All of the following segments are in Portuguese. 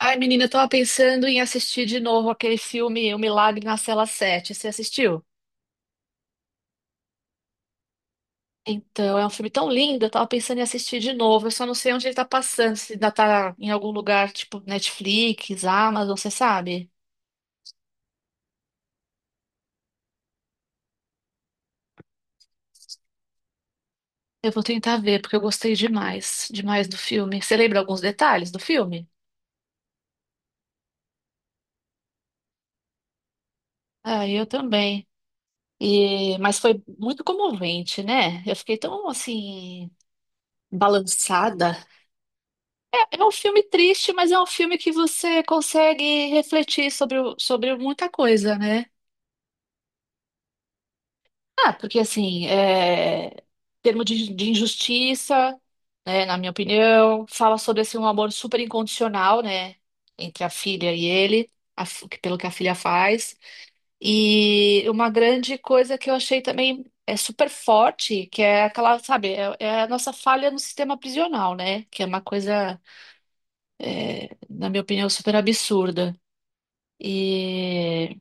Ai, menina, eu tava pensando em assistir de novo aquele filme O Milagre na Cela Sete. Você assistiu? Então, é um filme tão lindo, eu tava pensando em assistir de novo. Eu só não sei onde ele tá passando, se ainda tá em algum lugar, tipo Netflix, Amazon, você sabe? Eu vou tentar ver, porque eu gostei demais, demais do filme. Você lembra alguns detalhes do filme? Ah, eu também. Mas foi muito comovente, né? Eu fiquei tão, assim, balançada. É um filme triste, mas é um filme que você consegue refletir sobre muita coisa, né? Ah, porque assim, termo de injustiça, né, na minha opinião, fala sobre assim, um amor super incondicional, né, entre a filha e ele, pelo que a filha faz. E uma grande coisa que eu achei também é super forte, que é aquela, sabe, é a nossa falha no sistema prisional, né? Que é uma coisa, na minha opinião, super absurda. E,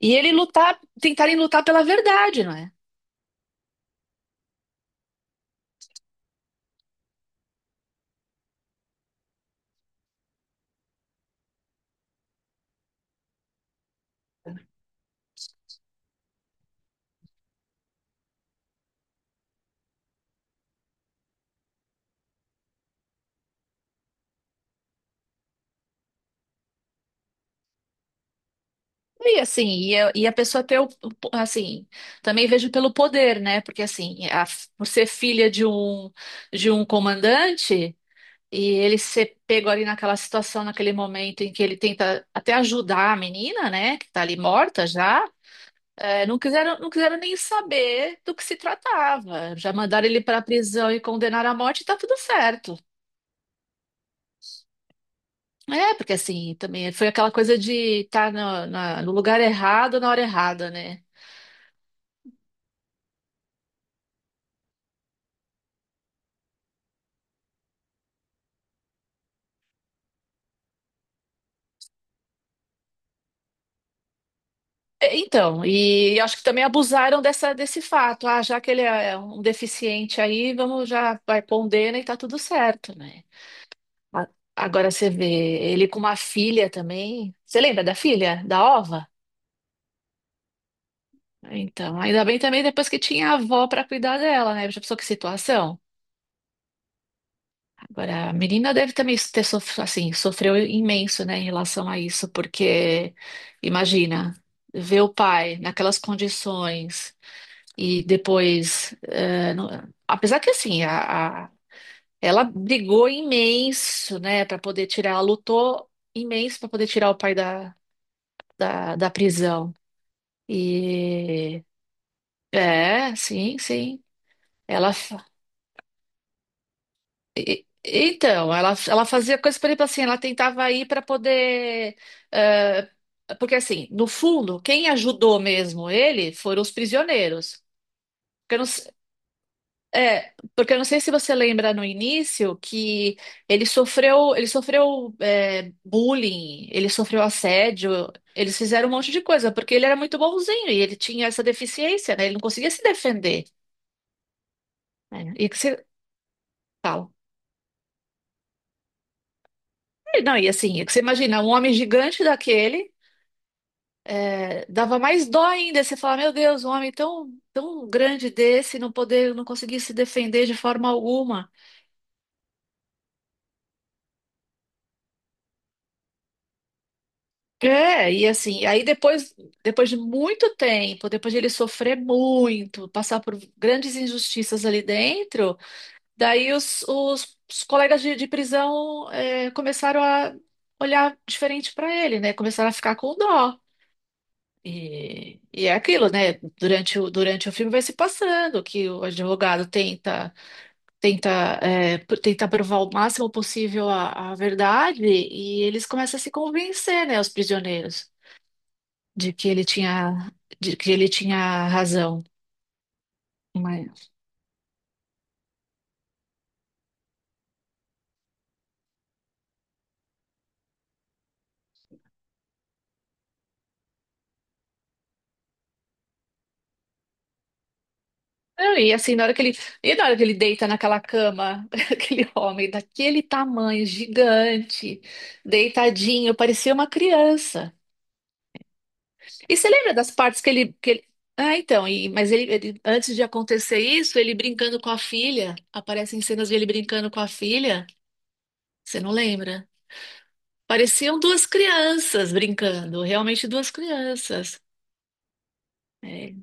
e ele lutar, tentarem lutar pela verdade, não é? E assim, e a pessoa ter assim, também vejo pelo poder, né? Porque assim, por ser filha de um comandante e ele ser pego ali naquela situação, naquele momento em que ele tenta até ajudar a menina, né, que tá ali morta já, não quiseram nem saber do que se tratava. Já mandaram ele para a prisão e condenaram à morte e tá tudo certo. É, porque assim, também foi aquela coisa de estar no lugar errado na hora errada, né? É. Então, e acho que também abusaram dessa, desse fato. Ah, já que ele é um deficiente aí, vamos já, vai pondendo e tá tudo certo, né? A- Agora você vê ele com uma filha também. Você lembra da filha, da Ova? Então, ainda bem também depois que tinha a avó para cuidar dela, né? Já pensou que situação? Agora, a menina deve também assim, sofreu imenso, né, em relação a isso, porque imagina ver o pai naquelas condições e depois, apesar que assim, ela brigou imenso, né, para poder tirar, ela lutou imenso para poder tirar o pai da prisão. E é, sim, sim. Ela Então, ela fazia coisas, por exemplo, assim, ela tentava ir para poder, eh, porque, assim, no fundo, quem ajudou mesmo ele foram os prisioneiros. Porque eu não, se- é, porque eu não sei se você lembra no início que ele sofreu, bullying, ele sofreu assédio, eles fizeram um monte de coisa, porque ele era muito bonzinho e ele tinha essa deficiência, né? Ele não conseguia se defender. Né? E que você fala. Não, e assim, é que você imagina um homem gigante daquele. É, dava mais dó ainda você falar, meu Deus, um homem tão, tão grande desse não poder, não conseguir se defender de forma alguma. É, e assim, aí depois, depois de muito tempo, depois de ele sofrer muito, passar por grandes injustiças ali dentro, daí os colegas de prisão é, começaram a olhar diferente para ele, né? Começaram a ficar com dó. E é aquilo, né? Durante o filme vai se passando que o advogado tenta, é, tenta provar o máximo possível a verdade e eles começam a se convencer, né, os prisioneiros, de que ele tinha, de que ele tinha razão. Mas- Não, e assim, na hora que ele, e na hora que ele deita naquela cama, aquele homem daquele tamanho, gigante, deitadinho, parecia uma criança. E você lembra das partes que ele... Ah, então, e, mas antes de acontecer isso, ele brincando com a filha, aparecem cenas dele brincando com a filha. Você não lembra? Pareciam duas crianças brincando, realmente duas crianças. É,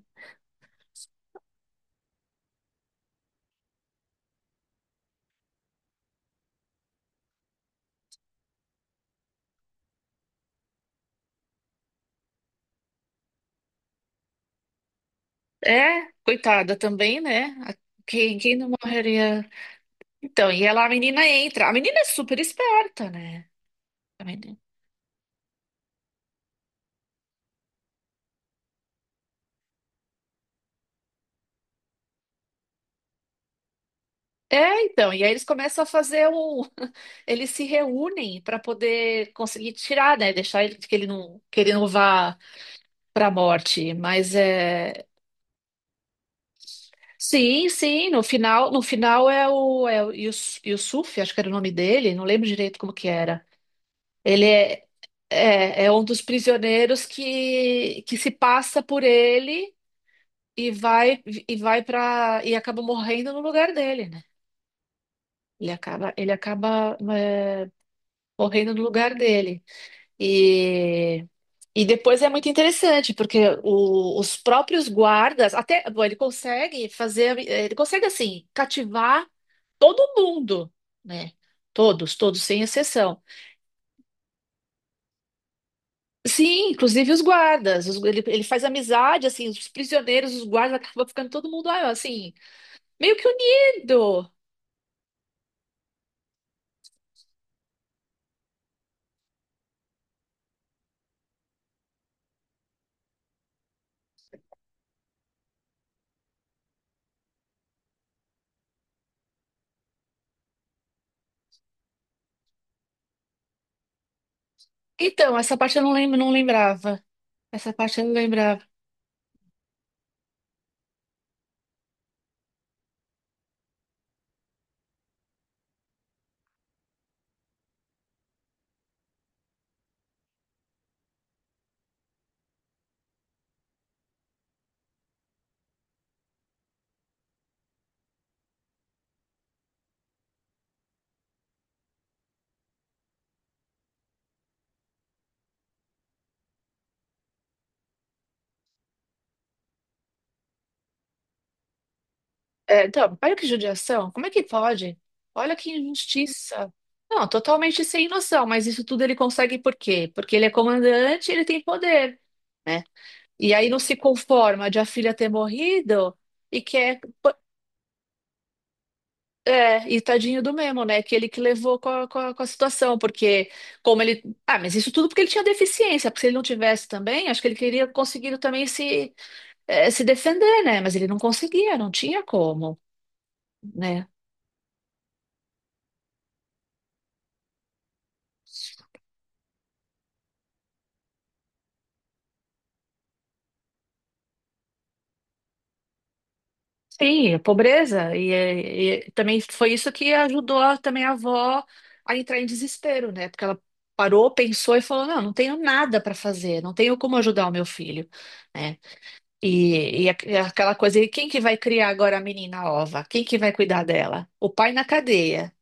é, coitada também, né? Quem, quem não morreria? Então, e ela, a menina entra. A menina é super esperta, né? A menina- É, então, e aí eles começam a fazer um. Eles se reúnem para poder conseguir tirar, né? Deixar ele que ele não vá para a morte. Mas é. Sim, sim, no final, no final Yusuf, acho que era o nome dele, não lembro direito como que era. Ele é, é um dos prisioneiros que se passa por ele e vai e vai para e acaba morrendo no lugar dele, né? Ele acaba, morrendo no lugar dele. E, e depois é muito interessante, porque os próprios guardas, até, bom, ele consegue fazer, ele consegue, assim, cativar todo mundo, né? Todos, todos, sem exceção. Sim, inclusive os guardas. Ele, ele faz amizade, assim, os prisioneiros, os guardas, acaba ficando todo mundo, ah, assim, meio que unido. Então, essa parte eu não lembro, não lembrava. Essa parte eu não lembrava. É, então, olha que judiação. Como é que pode? Olha que injustiça. Não, totalmente sem noção, mas isso tudo ele consegue por quê? Porque ele é comandante, ele tem poder, né? E aí não se conforma de a filha ter morrido e quer. Pô, é, e tadinho do mesmo, né? Que ele que levou com a situação, porque como ele. Ah, mas isso tudo porque ele tinha deficiência, porque se ele não tivesse também, acho que ele queria conseguido também se, se defender, né? Mas ele não conseguia, não tinha como, né? Sim, a pobreza. E, e também foi isso que ajudou também a avó a entrar em desespero, né? Porque ela parou, pensou e falou: não, não tenho nada para fazer, não tenho como ajudar o meu filho, né? E, e aquela coisa, e quem que vai criar agora a menina Ova? Quem que vai cuidar dela? O pai na cadeia.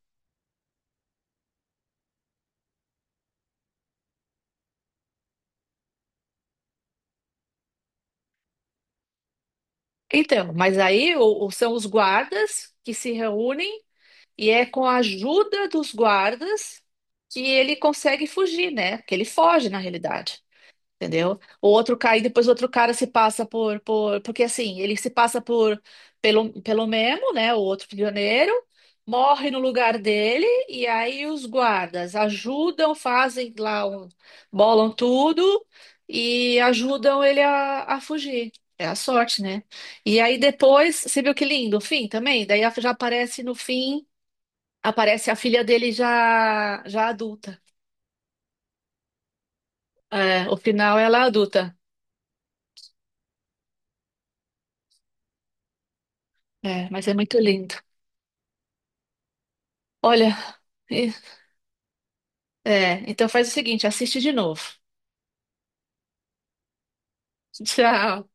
Então, mas aí são os guardas que se reúnem e é com a ajuda dos guardas que ele consegue fugir, né? Que ele foge, na realidade. Entendeu? O outro cai, depois o outro cara se passa porque assim, ele se passa por pelo Memo, né? O outro prisioneiro, morre no lugar dele, e aí os guardas ajudam, fazem lá um, bolam tudo e ajudam ele a fugir. É a sorte, né? E aí depois, você viu que lindo, o fim também? Daí já aparece no fim, aparece a filha dele já, já adulta. É, o final ela é adulta. É, mas é muito lindo. Olha, e- é, então faz o seguinte, assiste de novo. Tchau.